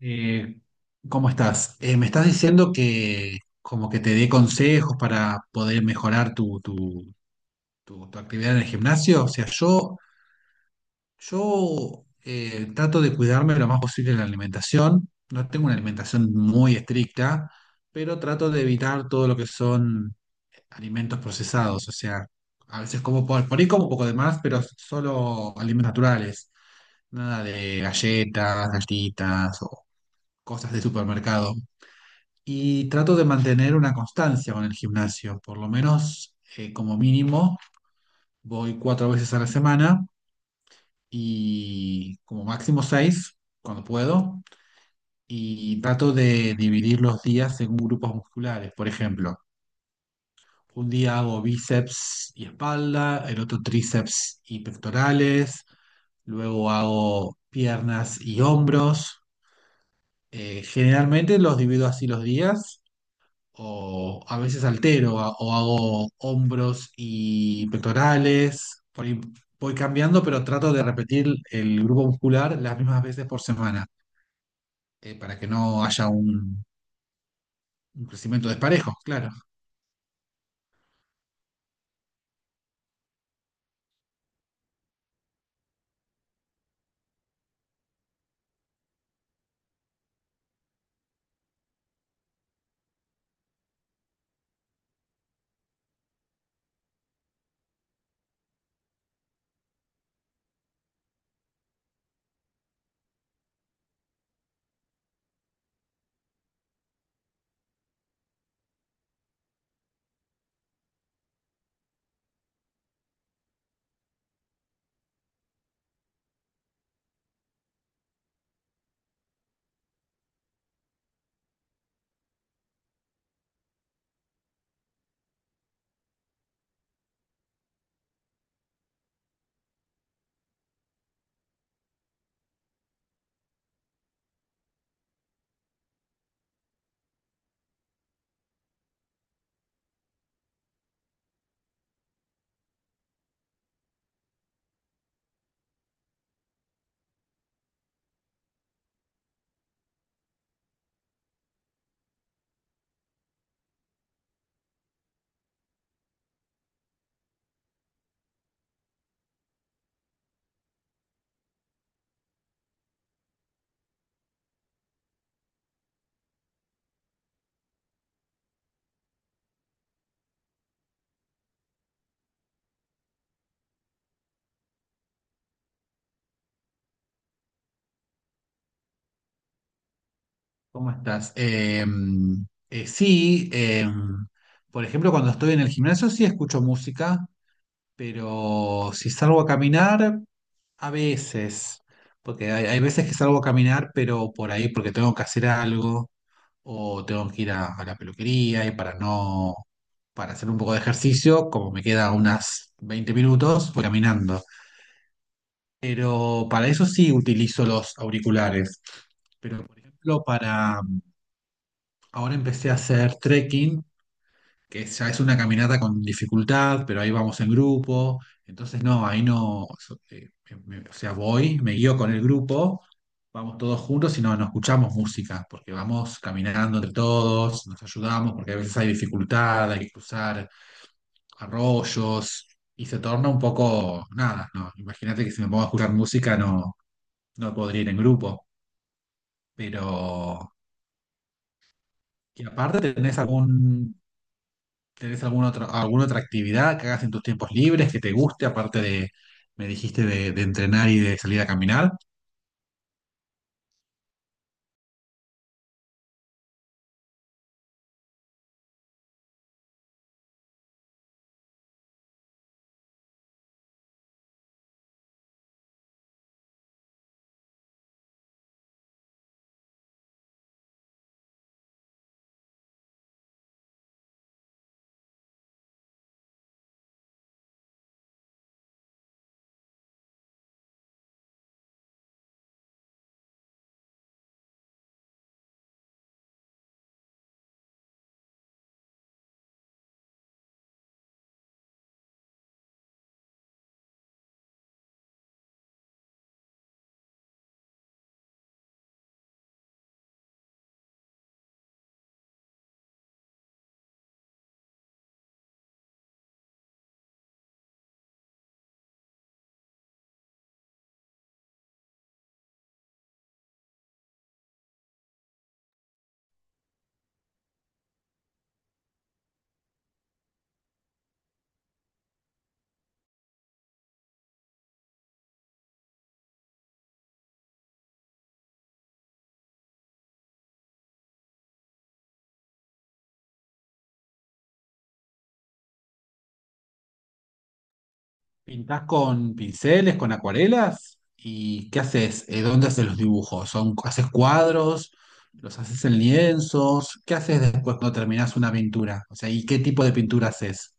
Eh, ¿Cómo estás? Me estás diciendo que como que te dé consejos para poder mejorar tu actividad en el gimnasio. O sea, yo trato de cuidarme lo más posible en la alimentación. No tengo una alimentación muy estricta, pero trato de evitar todo lo que son alimentos procesados. O sea, a veces como por ahí como un poco de más, pero solo alimentos naturales. Nada de galletas, galletitas o cosas de supermercado. Y trato de mantener una constancia con el gimnasio, por lo menos como mínimo voy cuatro veces a la semana y como máximo seis cuando puedo. Y trato de dividir los días según grupos musculares. Por ejemplo, un día hago bíceps y espalda, el otro tríceps y pectorales, luego hago piernas y hombros. Generalmente los divido así los días, o a veces altero, o hago hombros y pectorales. Por ahí voy cambiando, pero trato de repetir el grupo muscular las mismas veces por semana, para que no haya un crecimiento desparejo, claro. ¿Cómo estás? Sí. Por ejemplo, cuando estoy en el gimnasio sí escucho música, pero si salgo a caminar, a veces, porque hay veces que salgo a caminar, pero por ahí porque tengo que hacer algo o tengo que ir a la peluquería y para no, para hacer un poco de ejercicio, como me queda unas 20 minutos, voy caminando. Pero para eso sí utilizo los auriculares. Pero por ejemplo, para ahora empecé a hacer trekking, que ya es una caminata con dificultad, pero ahí vamos en grupo. Entonces no, ahí no, o sea, voy, me guío con el grupo, vamos todos juntos y no escuchamos música, porque vamos caminando entre todos, nos ayudamos, porque a veces hay dificultad, hay que cruzar arroyos y se torna un poco, nada, no, imagínate que si me pongo a escuchar música no podría ir en grupo, pero... Y aparte, ¿tenés alguna otra actividad que hagas en tus tiempos libres que te guste, aparte de, me dijiste, de entrenar y de salir a caminar? ¿Pintás con pinceles, con acuarelas? ¿Y qué haces? ¿Dónde haces los dibujos? ¿Son, haces cuadros? ¿Los haces en lienzos? ¿Qué haces después cuando terminás una pintura? O sea, ¿y qué tipo de pintura haces?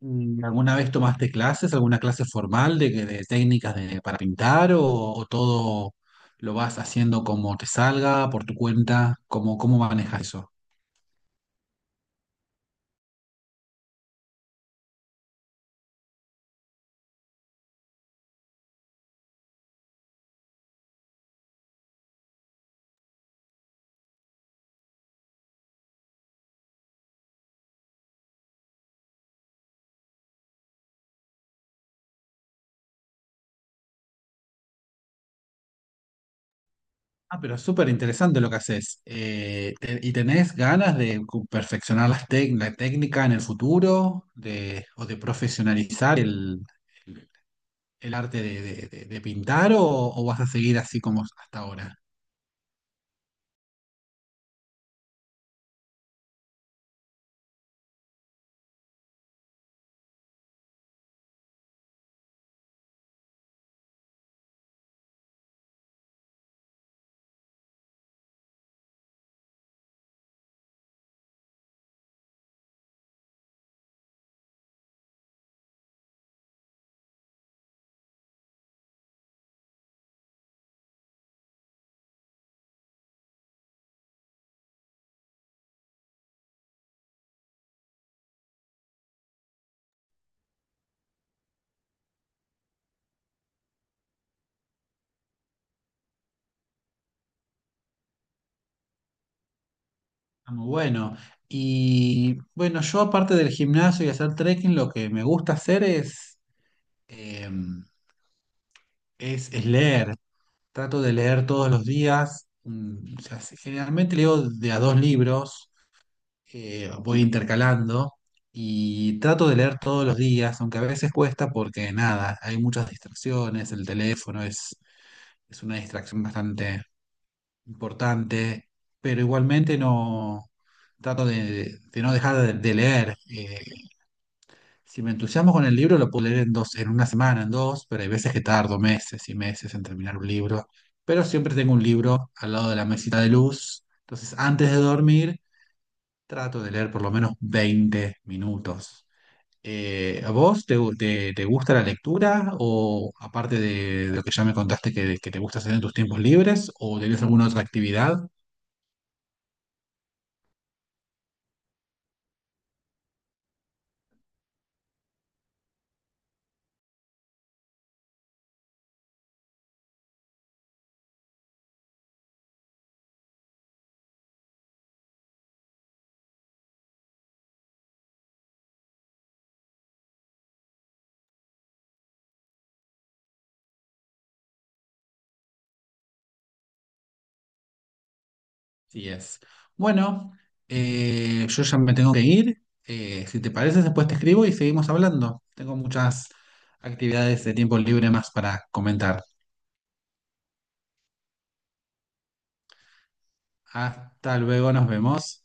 Mm. ¿Alguna vez tomaste clases, alguna clase formal de técnicas para pintar o todo lo vas haciendo como te salga, por tu cuenta? ¿Cómo manejas eso? Ah, pero súper interesante lo que haces. ¿Y tenés ganas de perfeccionar la técnica en el futuro de, o de profesionalizar el arte de pintar o vas a seguir así como hasta ahora? Ah, muy bueno. Y bueno, yo aparte del gimnasio y hacer trekking, lo que me gusta hacer eh, es leer. Trato de leer todos los días. O sea, generalmente leo de a dos libros, voy intercalando y trato de leer todos los días, aunque a veces cuesta porque nada, hay muchas distracciones, el teléfono es una distracción bastante importante, pero igualmente no trato de no dejar de leer. Si me entusiasmo con el libro, lo puedo leer en dos, en una semana, en dos, pero hay veces que tardo meses y meses en terminar un libro. Pero siempre tengo un libro al lado de la mesita de luz. Entonces, antes de dormir, trato de leer por lo menos 20 minutos. ¿A vos te gusta la lectura o aparte de lo que ya me contaste que te gusta hacer en tus tiempos libres o tenés alguna otra actividad? Sí es. Bueno, yo ya me tengo que ir. Si te parece, después te escribo y seguimos hablando. Tengo muchas actividades de tiempo libre más para comentar. Hasta luego, nos vemos.